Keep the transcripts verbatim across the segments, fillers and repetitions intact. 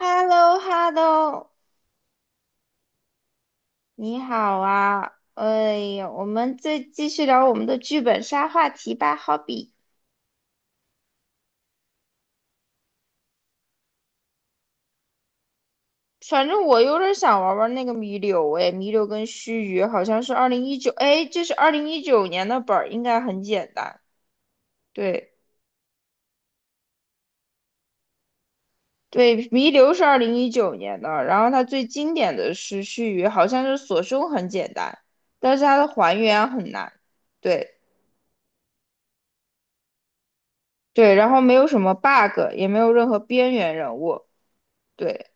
h e l l o h e l l o 你好啊！哎呀，我们再继续聊我们的剧本杀话题吧。好比，反正我有点想玩玩那个弥留，哎，弥留跟须臾好像是二零一九，哎，这是二零一九年的本儿，应该很简单。对对，弥留是二零一九年的，然后它最经典的是须臾，好像是锁胸很简单，但是它的还原很难。对对，然后没有什么 bug，也没有任何边缘人物。对。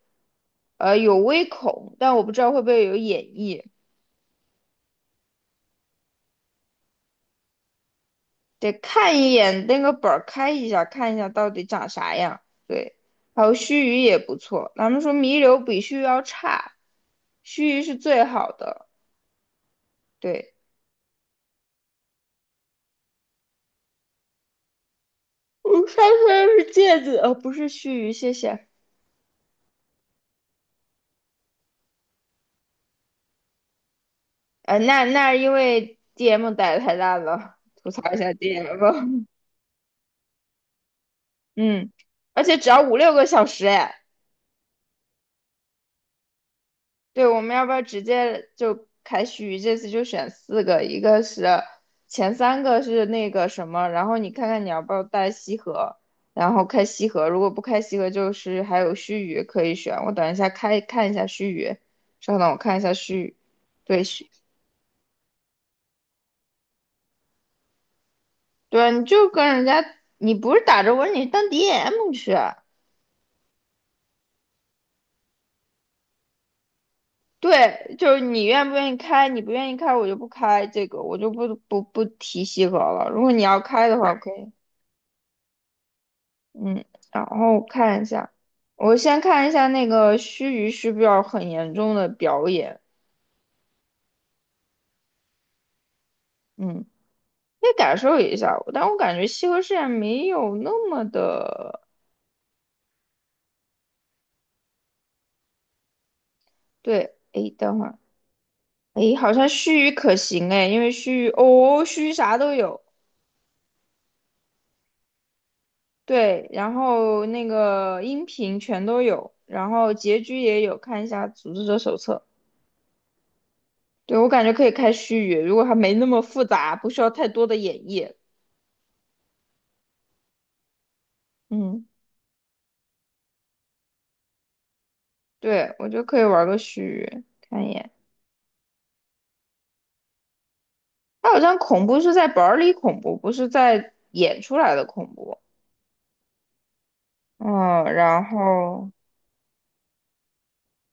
呃，有微恐，但我不知道会不会有演绎，得看一眼那个本儿，开一下，看一下到底长啥样。对，还有须臾也不错，咱们说弥留比须臾要差，须臾是最好的。对，我上次是戒指，呃，不是须臾，谢谢。呃，那那因为 D M 打的太烂了，吐槽一下 D M。嗯，而且只要五六个小时，哎。对，我们要不要直接就开许这次就选四个？一个是前三个是那个什么，然后你看看你要不要带西河，然后开西河。如果不开西河，就是还有须臾可以选。我等一下开看一下须臾，稍等我看一下须臾。对，须对啊，你就跟人家，你不是打着我，你当 D M 去啊。对，就是你愿不愿意开，你不愿意开，我就不开这个，我就不不不提西河了。如果你要开的话，可以。嗯，然后看一下，我先看一下那个须臾需不是要很严重的表演，嗯，可以感受一下，但我感觉西河试验没有那么的，对，诶，等会儿，诶，好像须臾可行诶，因为须臾，哦，须臾啥都有，对，然后那个音频全都有，然后结局也有，看一下组织者手册，对，我感觉可以开须臾，如果它没那么复杂，不需要太多的演绎，嗯。对，我觉得可以玩个须拟，看一眼。它好像恐怖是在本儿里恐怖，不是在演出来的恐怖。嗯，然后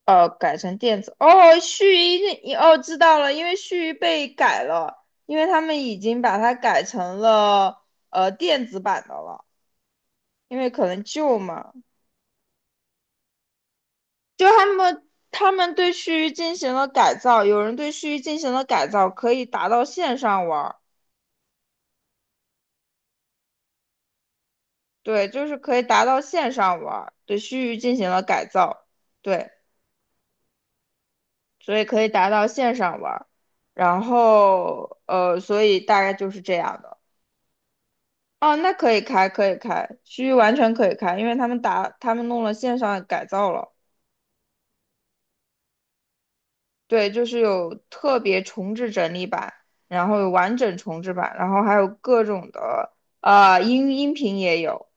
呃，改成电子。哦，须臾那你哦知道了，因为须臾被改了，因为他们已经把它改成了呃电子版的了，因为可能旧嘛，就他们他们对须臾进行了改造，有人对须臾进行了改造，可以达到线上玩儿。对，就是可以达到线上玩儿，对区域进行了改造，对，所以可以达到线上玩儿，然后呃，所以大概就是这样的。哦，那可以开，可以开，区域完全可以开，因为他们打，他们弄了线上改造了，对，就是有特别重置整理版，然后有完整重置版，然后还有各种的，呃，音音频也有，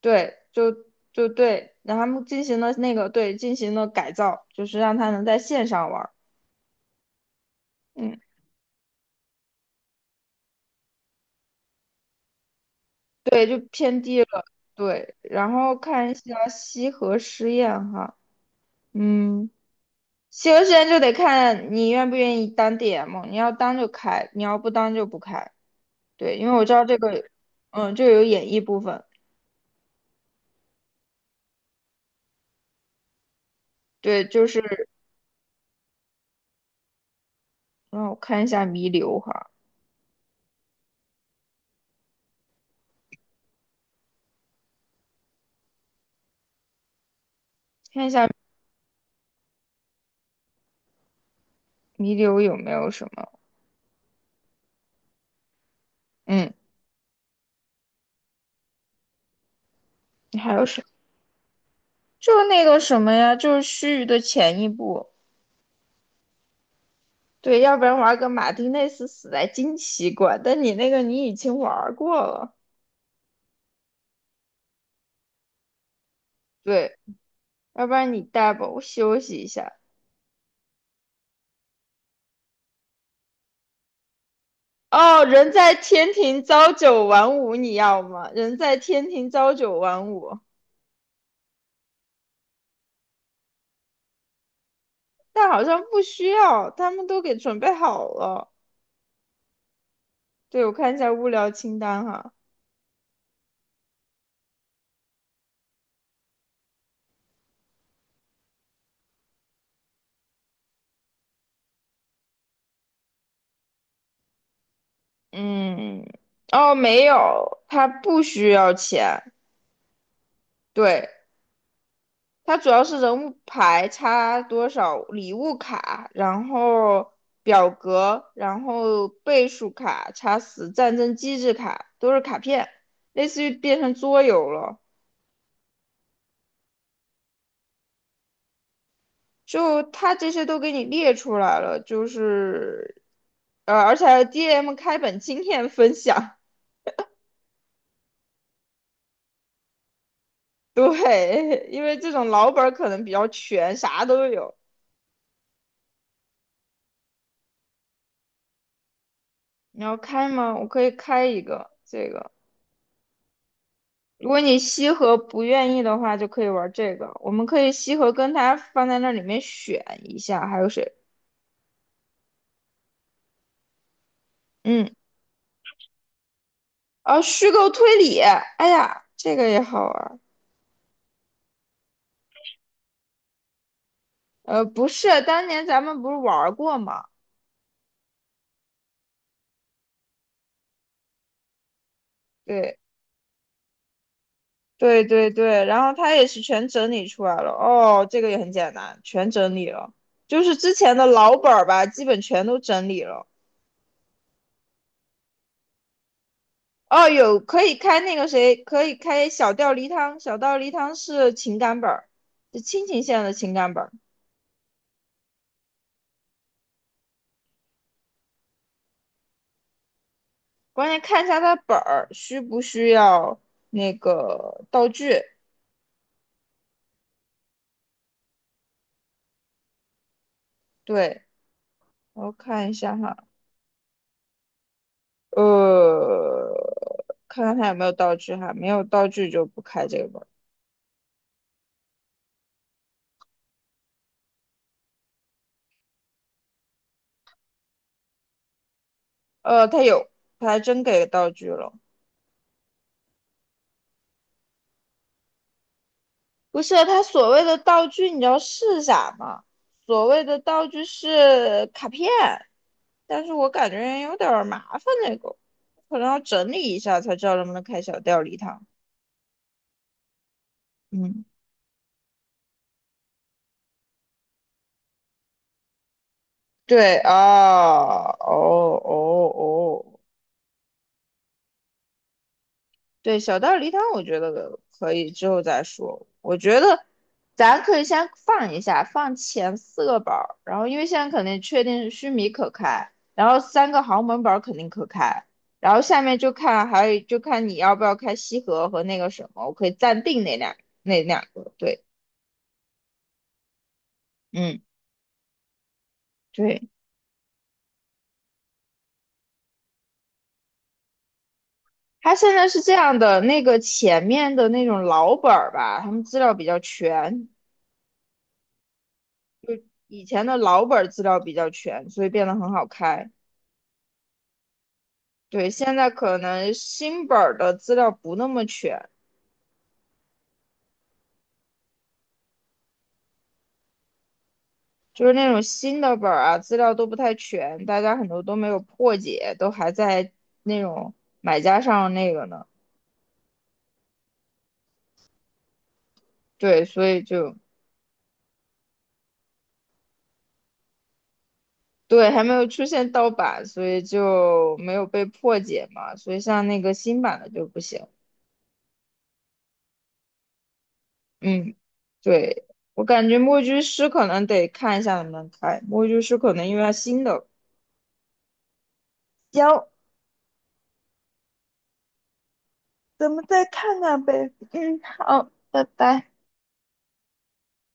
对，就就对，然后他们进行了那个对进行了改造，就是让他能在线上玩儿嗯，对，然后看一下西河实验哈，嗯，西河实验就得看你愿不愿意当 D M，你要当就开，你要不当就不开。对，因为我知道这个，嗯，这个有演绎部分。对，就是让我看一下弥留哈，看一下弥留有没有什么，嗯，还有什么？就是那个什么呀，就是须臾的前一部。对，要不然玩个马丁内斯死在惊奇馆，但你那个你已经玩过了，对，要不然你带吧，我休息一下。哦，人在天庭朝九晚五，你要吗？人在天庭朝九晚五，但好像不需要，他们都给准备好了。对，我看一下物料清单哈，嗯，哦，没有，他不需要钱，对，它主要是人物牌差多少，礼物卡，然后表格，然后倍数卡、差死战争机制卡，都是卡片，类似于变成桌游了。就它这些都给你列出来了，就是，呃，而且还有 D M 开本经验分享。对，因为这种老本儿可能比较全，啥都有。你要开吗？我可以开一个这个。如果你西河不愿意的话，就可以玩这个。我们可以西河跟他放在那里面选一下，还有谁？嗯，哦，虚构推理，哎呀，这个也好玩儿。呃，不是，当年咱们不是玩儿过吗？对，对对对，然后他也是全整理出来了。哦，这个也很简单，全整理了，就是之前的老本儿吧，基本全都整理了。哦，有可以开那个谁，可以开小吊梨汤，小吊梨汤是情感本儿，是亲情线的情感本儿。关键看一下它本儿需不需要那个道具。对，我看一下哈，呃，看看它有没有道具哈，没有道具就不开这个本儿。呃，它有，它还真给道具了。不是，他所谓的道具，你知道是啥吗？所谓的道具是卡片，但是我感觉有点儿麻烦那个，可能要整理一下才知道能不能开小调礼堂。嗯，对啊，哦哦哦对，小道儿梨汤，我觉得可以之后再说。我觉得咱可以先放一下，放前四个宝儿，然后因为现在肯定确定须弥可开，然后三个豪门宝儿肯定可开，然后下面就看还有就看你要不要开西河和那个什么，我可以暂定那两那两个。对，嗯，对，他现在是这样的，那个前面的那种老本儿吧，他们资料比较全，以前的老本儿资料比较全，所以变得很好开。对，现在可能新本儿的资料不那么全，就是那种新的本儿啊，资料都不太全，大家很多都没有破解，都还在那种买家上那个呢。对，所以就对，还没有出现盗版，所以就没有被破解嘛。所以像那个新版的就不行。嗯，对，我感觉墨居师可能得看一下能不能开，墨居师可能因为它新的。行，咱们再看看呗。嗯，好，拜拜。